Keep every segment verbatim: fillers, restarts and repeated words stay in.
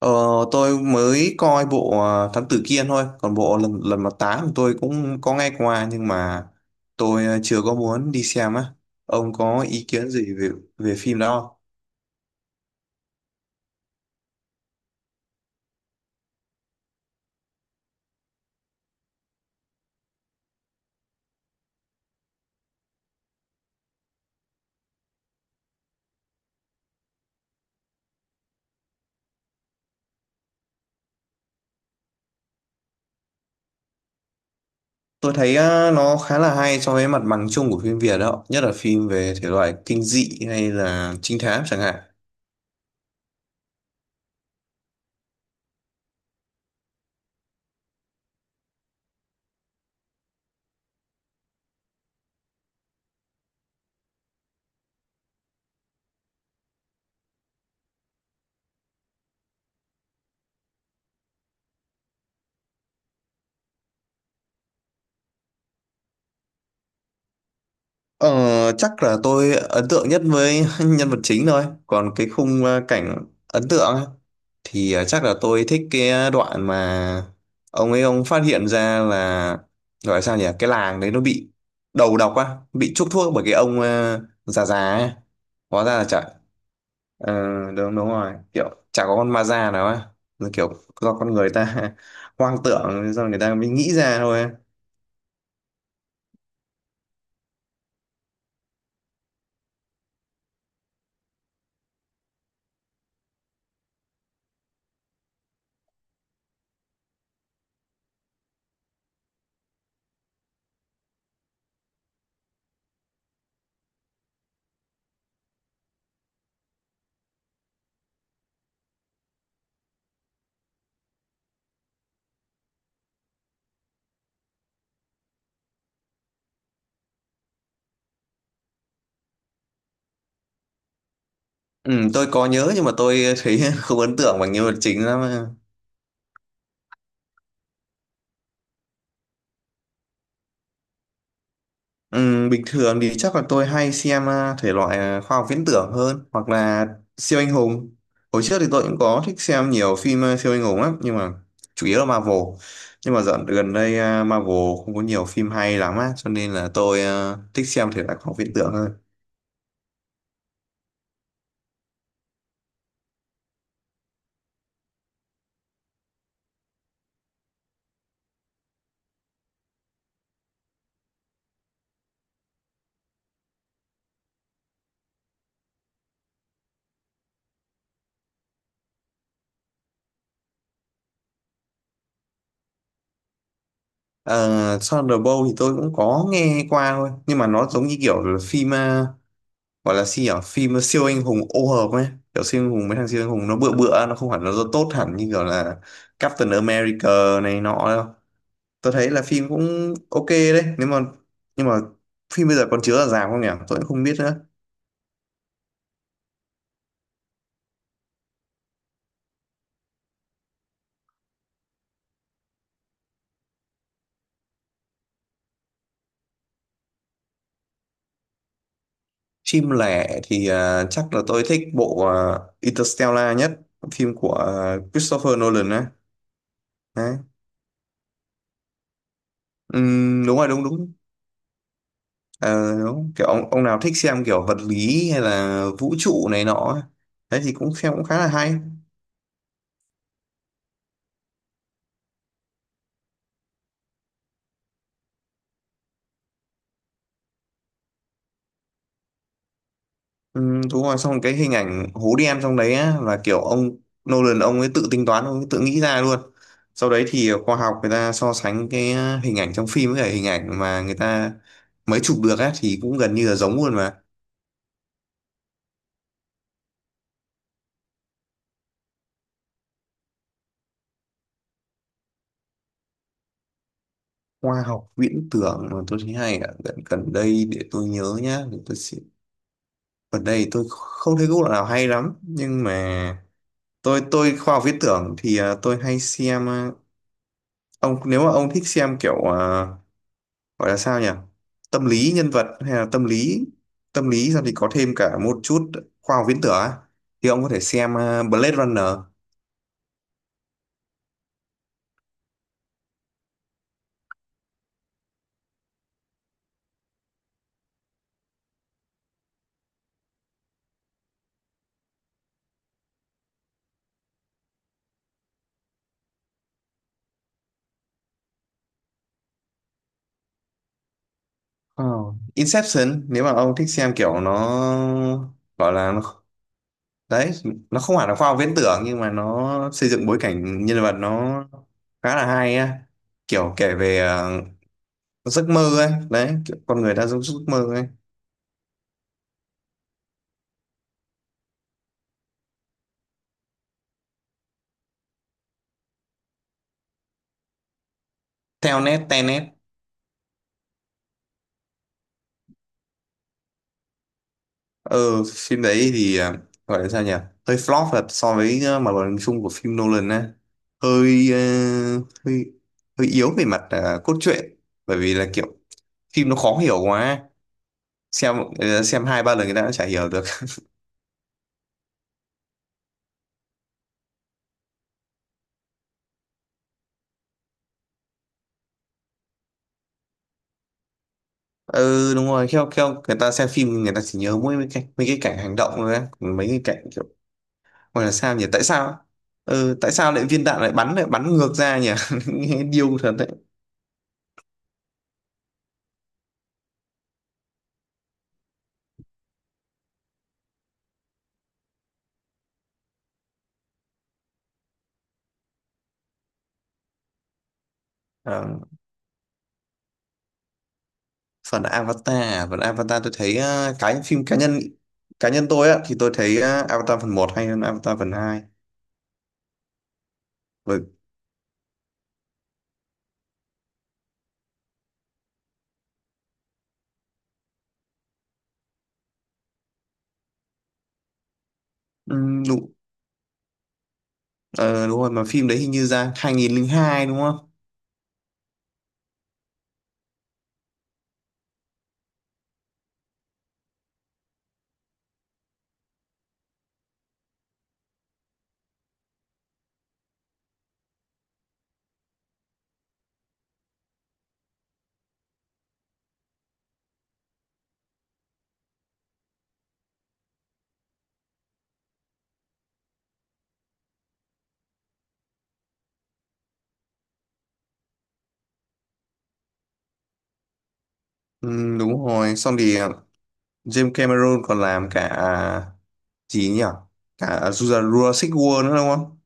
Ờ, tôi mới coi bộ ờ, Thám Tử Kiên thôi, còn bộ lần lần mà tám thì tôi cũng có nghe qua nhưng mà tôi ờ, chưa có muốn đi xem á. Ông có ý kiến gì về về phim đó không? Tôi thấy ờ, nó khá là hay so với mặt bằng chung của phim Việt đó, nhất là phim về thể loại kinh dị hay là trinh thám chẳng hạn. Ờ, chắc là tôi ấn tượng nhất với nhân vật chính thôi, còn cái khung ờ, cảnh ấn tượng á, thì à, chắc là tôi thích cái đoạn mà ông ấy ông phát hiện ra là gọi là sao nhỉ, cái làng đấy nó bị đầu độc á, bị chuốc thuốc bởi cái ông ờ, già già ấy. Hóa ra là chả ờ, đúng đúng rồi, kiểu chả có con ma già nào á, là kiểu do con người ta hoang tưởng, do người ta mới nghĩ ra thôi. Ừ, tôi có nhớ nhưng mà tôi thấy không ấn tượng bằng nhân vật chính lắm. Ừm, bình thường thì chắc là tôi hay xem à, thể loại à, khoa học viễn tưởng hơn, hoặc là siêu anh hùng. Hồi trước thì tôi cũng có thích xem nhiều phim à, siêu anh hùng lắm, nhưng mà chủ yếu là Marvel. Nhưng mà dạo gần đây à, Marvel không có nhiều phim hay lắm á, cho nên là tôi à, thích xem thể loại khoa học viễn tưởng hơn. Uh, Thunderbolt thì tôi cũng có nghe qua thôi, nhưng mà nó giống như kiểu là phim gọi là gì nhỉ, phim siêu anh hùng ô hợp ấy, kiểu siêu anh hùng, mấy thằng siêu anh hùng nó bựa bựa, nó không hẳn nó tốt hẳn như kiểu là Captain America này nọ đâu. Tôi thấy là phim cũng ok đấy nếu mà, nhưng mà phim bây giờ còn chiếu ở rạp không nhỉ, tôi cũng không biết nữa. Phim lẻ thì à, chắc là tôi thích bộ à, Interstellar nhất, phim của à, Christopher Nolan ấy. Đấy. Ừm, đúng rồi, đúng đúng. Ờ, đúng. Kiểu ông, ông nào thích xem kiểu vật lý hay là vũ trụ này nọ ấy. Đấy thì cũng xem cũng khá là hay. Ừ, đúng rồi, xong cái hình ảnh hố đen trong đấy á, là kiểu ông Nolan, ông ấy tự tính toán, ông ấy tự nghĩ ra luôn. Sau đấy thì khoa học người ta so sánh cái à, hình ảnh trong phim với cả hình ảnh mà người ta mới chụp được á, thì cũng gần như là giống luôn mà. Khoa học viễn tưởng mà tôi thấy hay ạ, gần gần đây để tôi nhớ nhá, để tôi sẽ. Gần đây tôi không thấy cái bộ nào hay lắm, nhưng mà tôi tôi khoa học viễn tưởng thì à, tôi hay xem. à, ông nếu mà ông thích xem kiểu à, gọi là sao nhỉ, tâm lý nhân vật hay là tâm lý, tâm lý xong thì có thêm cả một chút khoa học viễn tưởng á, thì ông có thể xem ờ, Blade Runner. Ờ. Inception, nếu mà ông thích xem kiểu nó gọi là nó, đấy, nó không hẳn là khoa học viễn tưởng nhưng mà nó xây dựng bối cảnh nhân vật nó khá là hay á, kiểu kể về ờ, giấc mơ ấy, đấy, kiểu con người đã giống giấc mơ ấy. Theo nét, tenet, ừ, phim đấy thì à, gọi là sao nhỉ, hơi flop là so với ờ, mặt bằng chung của phim Nolan á, hơi ờ, hơi hơi yếu về mặt à, cốt truyện, bởi vì là kiểu phim nó khó hiểu quá, xem ờ, xem hai ba lần người ta đã chả hiểu được. Ừ, đúng rồi, theo theo người ta xem phim người ta chỉ nhớ mỗi mấy cái mấy cái cảnh hành động thôi á, còn mấy cái cảnh kiểu gọi là sao nhỉ, tại sao, ừ, tại sao lại viên đạn lại bắn lại bắn ngược ra nhỉ. Nghe điêu thật đấy. Ờ. Phần Avatar à? Phần Avatar tôi thấy ờ, cái phim cá nhân cá nhân tôi á thì tôi thấy ờ, Avatar phần một hay hơn Avatar phần hai, bởi ừm, đúng, ờ, đúng rồi, mà phim đấy hình như ra hai không không hai đúng không. Ừm, đúng rồi, xong thì ờ, James Cameron còn làm cả à, gì nhỉ, cả Jura- Jurassic World nữa đúng không.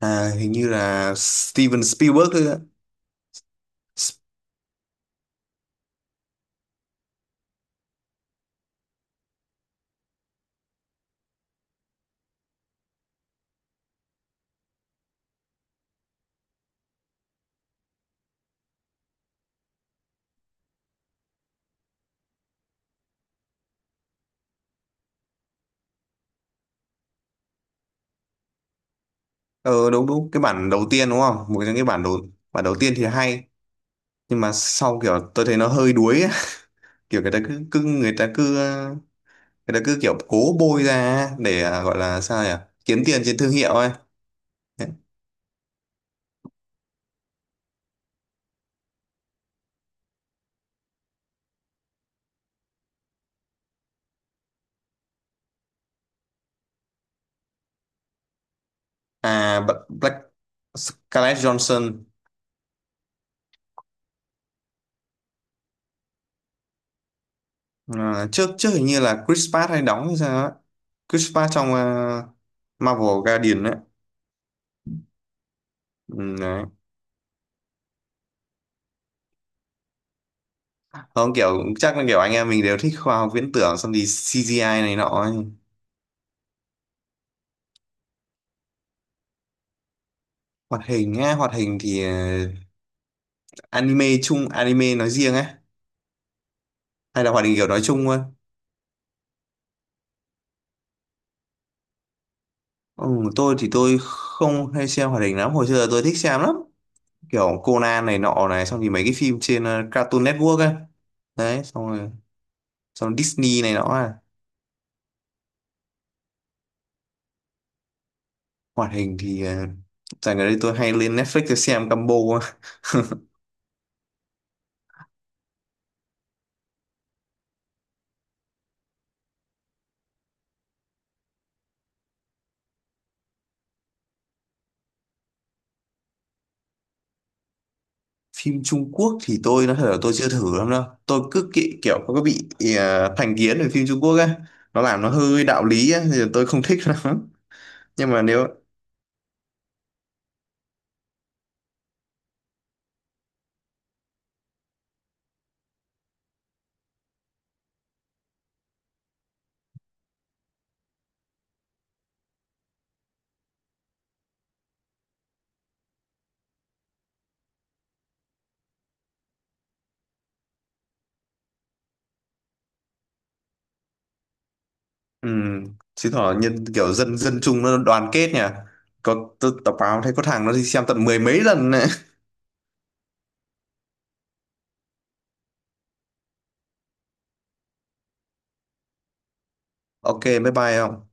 à, hình như là Steven Spielberg ấy ạ. S- ờ đúng đúng, cái bản đầu tiên đúng không, một trong cái bản đầu, bản đầu tiên thì hay, nhưng mà sau kiểu tôi thấy nó hơi đuối ấy. Kiểu người ta cứ, cứ người ta cứ ờ, người ta cứ kiểu cố bôi ra để ờ, gọi là sao nhỉ, kiếm tiền trên thương hiệu ấy. à B- Black, Scarlett Johansson. Ờ, trước trước hình như là Chris Pratt hay đóng hay sao ấy. Chris Pratt trong ờ, Marvel Guardian ấy. Ừ, đấy. Không, kiểu chắc là kiểu anh em mình đều thích khoa học viễn tưởng, xong thì xê giê i này nọ ấy. Hoạt hình á, hoạt hình thì ờ, anime chung, anime nói riêng á, hay là hoạt hình kiểu nói chung thôi. Ừ, tôi thì tôi không hay xem hoạt hình lắm, hồi xưa tôi thích xem lắm, kiểu Conan này nọ này, xong thì mấy cái phim trên ờ, Cartoon Network ấy. Đấy, xong rồi xong Disney này nọ à. Hoạt hình thì ờ, dạo gần đây tôi hay lên Netflix tôi xem combo. Phim Trung Quốc thì tôi nói thật là tôi chưa thử lắm đâu, tôi cứ kỹ, kiểu có bị ờ, thành kiến về phim Trung Quốc á, nó làm nó hơi đạo lý á thì tôi không thích lắm, nhưng mà nếu. Ừ, chứ thỏ nhân kiểu dân dân chúng nó đoàn kết nhỉ. Có t- tập báo thấy có thằng nó đi xem tận mười mấy lần này. Ok, bye bye không?